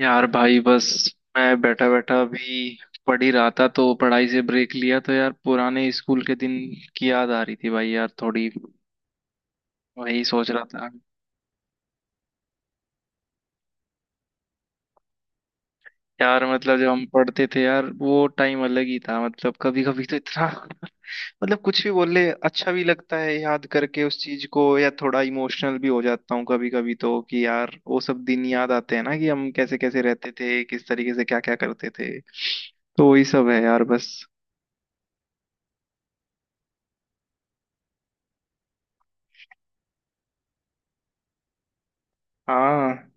यार भाई बस। मैं बैठा बैठा अभी पढ़ ही रहा था तो पढ़ाई से ब्रेक लिया। तो यार पुराने स्कूल के दिन की याद आ रही थी भाई, यार थोड़ी वही सोच रहा था। यार मतलब जब हम पढ़ते थे यार, वो टाइम अलग ही था। मतलब कभी कभी तो इतना मतलब कुछ भी बोल ले, अच्छा भी लगता है याद करके उस चीज को, या थोड़ा इमोशनल भी हो जाता हूँ कभी कभी तो। कि यार वो सब दिन याद आते हैं ना, कि हम कैसे कैसे रहते थे, किस तरीके से क्या क्या करते थे। तो वही सब है यार बस। हाँ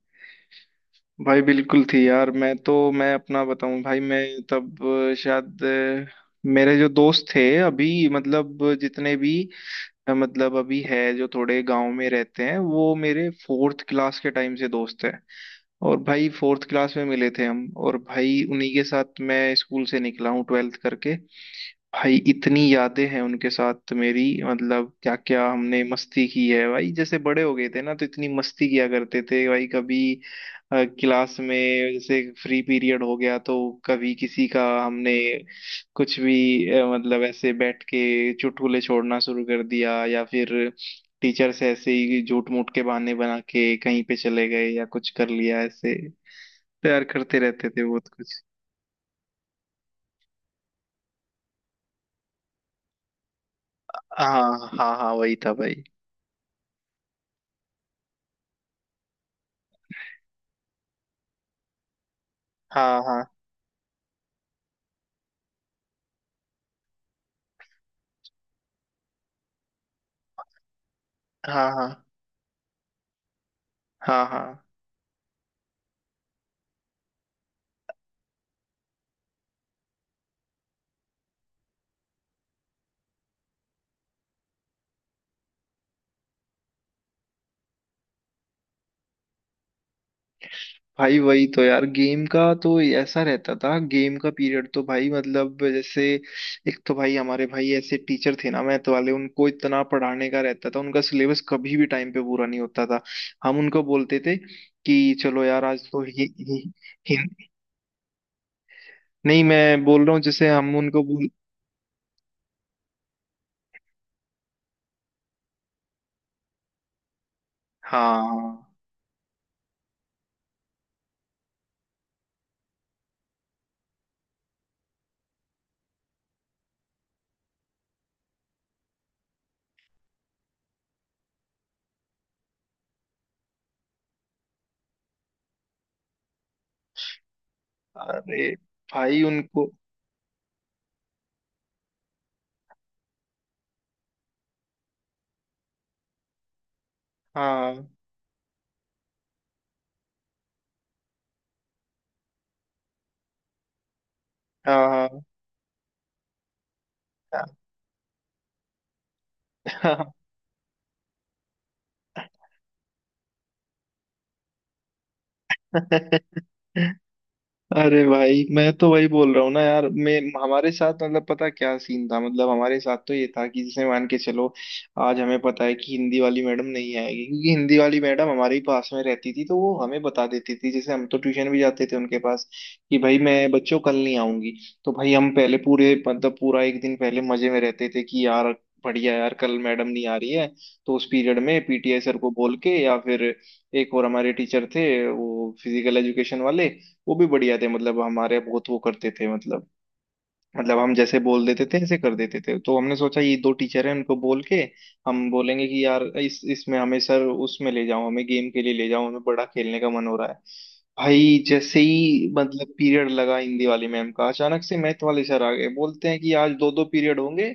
भाई बिल्कुल थी यार, मैं तो मैं अपना बताऊं भाई। मैं तब शायद मेरे जो दोस्त थे अभी, मतलब जितने भी मतलब अभी है जो थोड़े गांव में रहते हैं, वो मेरे फोर्थ क्लास के टाइम से दोस्त हैं। और भाई फोर्थ क्लास में मिले थे हम, और भाई उन्हीं के साथ मैं स्कूल से निकला हूँ 12th करके। भाई इतनी यादें हैं उनके साथ मेरी, मतलब क्या क्या हमने मस्ती की है भाई। जैसे बड़े हो गए थे ना तो इतनी मस्ती किया करते थे भाई। कभी क्लास में जैसे फ्री पीरियड हो गया, तो कभी किसी का हमने कुछ भी मतलब ऐसे बैठ के चुटकुले छोड़ना शुरू कर दिया, या फिर टीचर से ऐसे ही झूठ मूठ के बहाने बना के कहीं पे चले गए या कुछ कर लिया ऐसे। तैयार करते रहते थे बहुत कुछ। हाँ हाँ हाँ, वही था भाई। हाँ हाँ हाँ। हाँ हाँ हाँ। भाई वही तो यार, गेम का तो ऐसा रहता था। गेम का पीरियड तो भाई मतलब, जैसे एक तो भाई हमारे भाई ऐसे टीचर थे ना मैथ वाले, उनको इतना पढ़ाने का रहता था, उनका सिलेबस कभी भी टाइम पे पूरा नहीं होता था। हम उनको बोलते थे कि चलो यार आज तो हि, हि, हि, नहीं, मैं बोल रहा हूँ जैसे हम उनको बोल। हाँ, अरे भाई उनको। हाँ हाँ हाँ हाँ। अरे भाई मैं तो वही बोल रहा हूँ ना यार। मैं हमारे साथ मतलब, पता क्या सीन था। मतलब हमारे साथ तो ये था कि जैसे मान के चलो, आज हमें पता है कि हिंदी वाली मैडम नहीं आएगी, क्योंकि हिंदी वाली मैडम हमारे ही पास में रहती थी तो वो हमें बता देती थी, जैसे हम तो ट्यूशन भी जाते थे उनके पास, कि भाई मैं बच्चों कल नहीं आऊंगी। तो भाई हम पहले पूरे मतलब पूरा एक दिन पहले मजे में रहते थे कि यार बढ़िया यार, कल मैडम नहीं आ रही है। तो उस पीरियड में पीटीआई सर को बोल के, या फिर एक और हमारे टीचर थे वो फिजिकल एजुकेशन वाले, वो भी बढ़िया थे। मतलब हमारे बहुत वो करते थे, मतलब मतलब हम जैसे बोल देते थे ऐसे कर देते थे। तो हमने सोचा ये दो टीचर हैं, उनको बोल के हम बोलेंगे कि यार इस इसमें हमें सर, उसमें ले जाओ, हमें गेम के लिए ले जाओ, हमें बड़ा खेलने का मन हो रहा है। भाई जैसे ही मतलब पीरियड लगा हिंदी वाली मैम का, अचानक से मैथ वाले सर आ गए, बोलते हैं कि आज दो दो पीरियड होंगे,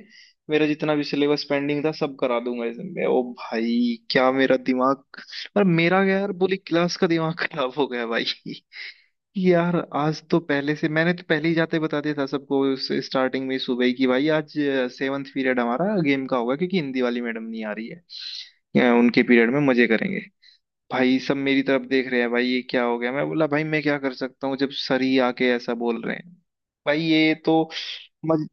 मेरा जितना भी सिलेबस पेंडिंग था सब करा दूंगा इसमें। ओ भाई क्या मेरा दिमाग, और मेरा क्या, यार पूरी क्लास का दिमाग खराब हो गया भाई। यार आज तो पहले से, मैंने तो पहले ही जाते बता दिया था सबको उस स्टार्टिंग में सुबह ही कि भाई आज सेवन्थ पीरियड हमारा गेम का होगा क्योंकि हिंदी वाली मैडम नहीं आ रही है, उनके पीरियड में मजे करेंगे। भाई सब मेरी तरफ देख रहे हैं, भाई ये क्या हो गया। मैं बोला भाई मैं क्या कर सकता हूँ जब सर ही आके ऐसा बोल रहे हैं। भाई ये तो मज...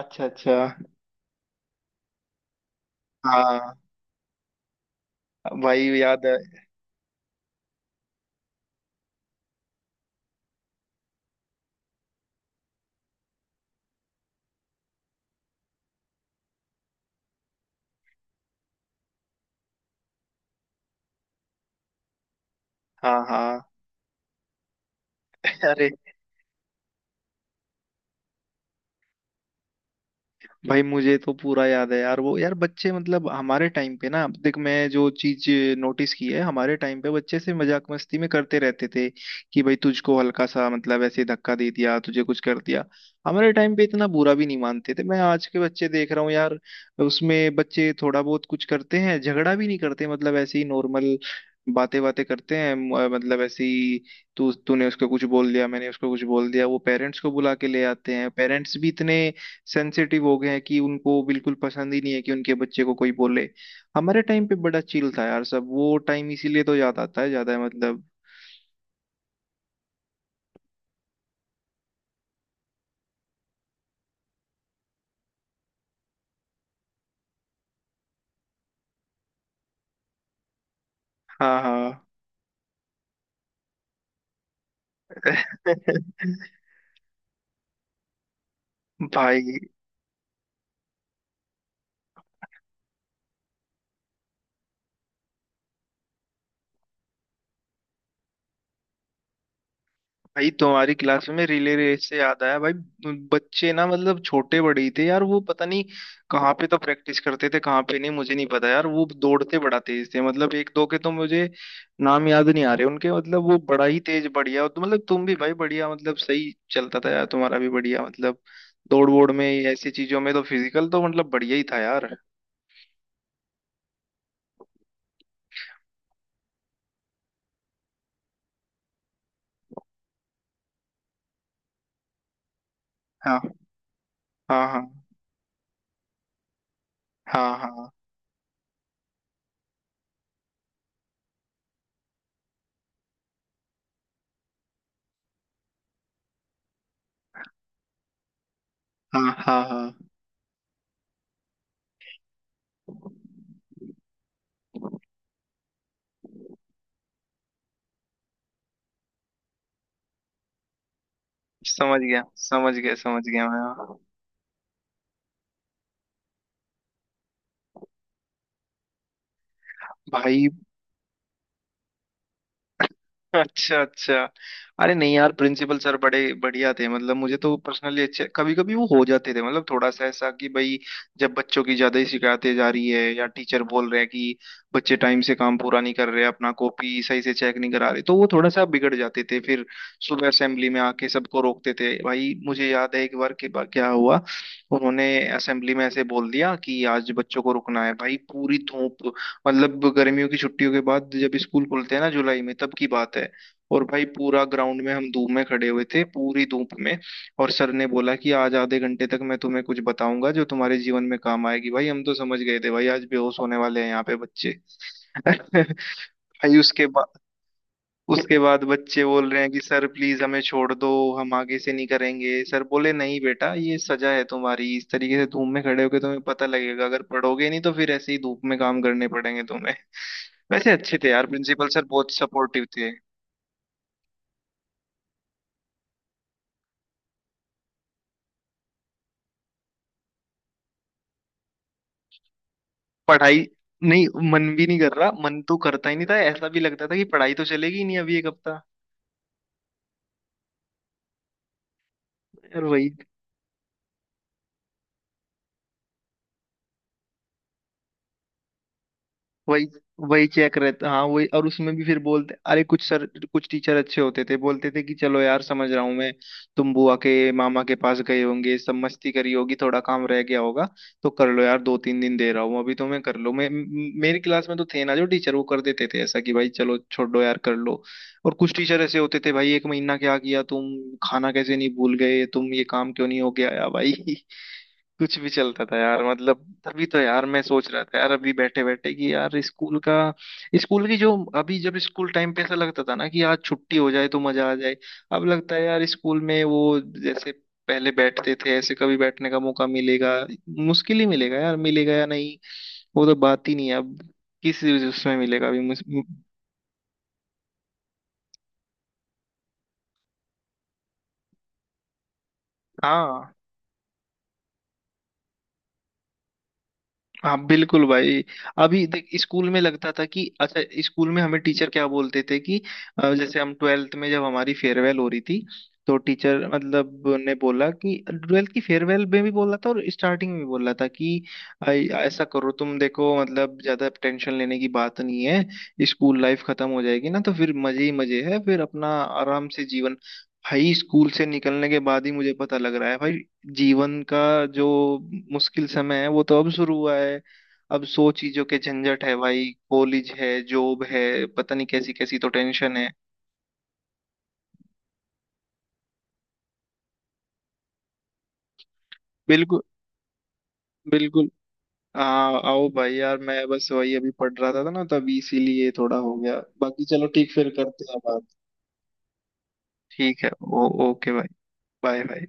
अच्छा अच्छा। हाँ भाई याद है। हाँ हाँ। अरे भाई मुझे तो पूरा याद है यार वो। यार बच्चे मतलब हमारे टाइम पे ना, देख मैं जो चीज नोटिस की है हमारे टाइम पे, बच्चे से मजाक मस्ती में करते रहते थे कि भाई तुझको हल्का सा मतलब ऐसे धक्का दे दिया, तुझे कुछ कर दिया, हमारे टाइम पे इतना बुरा भी नहीं मानते थे। मैं आज के बच्चे देख रहा हूँ यार, उसमें बच्चे थोड़ा बहुत कुछ करते हैं, झगड़ा भी नहीं करते, मतलब ऐसे ही नॉर्मल बातें बातें करते हैं, मतलब ऐसे ही, तू तूने उसको कुछ बोल दिया, मैंने उसको कुछ बोल दिया, वो पेरेंट्स को बुला के ले आते हैं। पेरेंट्स भी इतने सेंसिटिव हो गए हैं कि उनको बिल्कुल पसंद ही नहीं है कि उनके बच्चे को कोई बोले। हमारे टाइम पे बड़ा चिल था यार सब, वो टाइम इसीलिए तो याद आता है ज्यादा मतलब। हाँ हाँ। भाई, भाई तुम्हारी क्लास में रिले रेस से याद आया भाई। बच्चे ना मतलब छोटे बड़े ही थे यार, वो पता नहीं कहाँ पे तो प्रैक्टिस करते थे कहाँ पे नहीं, मुझे नहीं पता यार। वो दौड़ते बड़ा तेज थे, मतलब एक दो के तो मुझे नाम याद नहीं आ रहे उनके। मतलब वो बड़ा ही तेज बढ़िया, तो मतलब तुम भी भाई बढ़िया, मतलब सही चलता था यार तुम्हारा भी बढ़िया मतलब, दौड़ वोड़ में, ऐसी चीजों में तो फिजिकल तो मतलब बढ़िया ही था यार। हाँ हाँ हाँ हाँ, हाँ हाँ हाँ हाँ। समझ गया समझ गया समझ गया मैं। भाई अच्छा अच्छा। अरे नहीं यार प्रिंसिपल सर बड़े बढ़िया थे, मतलब मुझे तो पर्सनली अच्छे। कभी कभी वो हो जाते थे मतलब थोड़ा सा ऐसा कि भाई, जब बच्चों की ज्यादा ही शिकायतें जा रही है या टीचर बोल रहे हैं कि बच्चे टाइम से काम पूरा नहीं कर रहे, अपना कॉपी सही से चेक नहीं करा रहे, तो वो थोड़ा सा बिगड़ जाते थे। फिर सुबह असेंबली में आके सबको रोकते थे। भाई मुझे याद है एक बार के क्या हुआ, उन्होंने असेंबली में ऐसे बोल दिया कि आज बच्चों को रुकना है। भाई पूरी धूप, मतलब गर्मियों की छुट्टियों के बाद जब स्कूल खुलते हैं ना जुलाई में, तब की बात है। और भाई पूरा ग्राउंड में हम धूप में खड़े हुए थे, पूरी धूप में। और सर ने बोला कि आज आधे घंटे तक मैं तुम्हें कुछ बताऊंगा जो तुम्हारे जीवन में काम आएगी। भाई हम तो समझ गए थे भाई आज बेहोश होने वाले हैं यहाँ पे बच्चे। भाई, उसके बाद, उसके बाद बच्चे बोल रहे हैं कि सर प्लीज हमें छोड़ दो, हम आगे से नहीं करेंगे। सर बोले नहीं बेटा ये सजा है तुम्हारी, इस तरीके से धूप में खड़े होके तुम्हें पता लगेगा, अगर पढ़ोगे नहीं तो फिर ऐसे ही धूप में काम करने पड़ेंगे तुम्हें। वैसे अच्छे थे यार प्रिंसिपल सर, बहुत सपोर्टिव थे। पढ़ाई नहीं, मन भी नहीं कर रहा, मन तो करता ही नहीं था। ऐसा भी लगता था कि पढ़ाई तो चलेगी ही नहीं अभी एक हफ्ता। यार वही, वही वही चेक रहता। हाँ वही, और उसमें भी फिर बोलते अरे कुछ सर, कुछ टीचर अच्छे होते थे बोलते थे कि चलो यार समझ रहा हूँ मैं, तुम बुआ के मामा के पास गए होंगे, सब मस्ती करी होगी, थोड़ा काम रह गया होगा, तो कर लो यार, दो तीन दिन दे रहा हूँ अभी तुम्हें, कर लो। मेरी क्लास में तो थे ना जो टीचर, वो कर देते थे ऐसा कि भाई चलो छोड़ो यार कर लो। और कुछ टीचर ऐसे होते थे भाई, एक महीना क्या किया तुम, खाना कैसे नहीं भूल गए तुम, ये काम क्यों नहीं हो गया, या भाई कुछ भी चलता था यार। मतलब तभी तो यार मैं सोच रहा था यार अभी बैठे बैठे कि यार स्कूल का, स्कूल की जो, अभी जब स्कूल टाइम पे ऐसा लगता था ना कि आज छुट्टी हो जाए तो मजा आ जाए, अब लगता है यार स्कूल में वो जैसे पहले बैठते थे, ऐसे कभी बैठने का मौका मिलेगा? मुश्किल ही मिलेगा यार, मिलेगा या नहीं। वो तो बात ही नहीं है अब, किस उसमें मिलेगा अभी मुझे। हाँ हाँ बिल्कुल भाई। अभी देख स्कूल में लगता था कि अच्छा, स्कूल में हमें टीचर क्या बोलते थे कि जैसे हम 12th में जब हमारी फेयरवेल हो रही थी तो टीचर मतलब ने बोला कि ट्वेल्थ की फेयरवेल में भी बोला था, और स्टार्टिंग में भी बोला था कि ऐसा करो तुम देखो मतलब, ज्यादा टेंशन लेने की बात नहीं है, स्कूल लाइफ खत्म हो जाएगी ना तो फिर मजे ही मजे है, फिर अपना आराम से जीवन। भाई स्कूल से निकलने के बाद ही मुझे पता लग रहा है भाई, जीवन का जो मुश्किल समय है वो तो अब शुरू हुआ है। अब सौ चीजों के झंझट है भाई, कॉलेज है, जॉब है, पता नहीं कैसी कैसी तो टेंशन है। बिल्कुल, बिल्कुल। हाँ आओ भाई, यार मैं बस वही अभी पढ़ रहा था ना, तभी इसीलिए थोड़ा हो गया। बाकी चलो ठीक, फिर करते हैं बात। ठीक है, ओके भाई। Bye bye.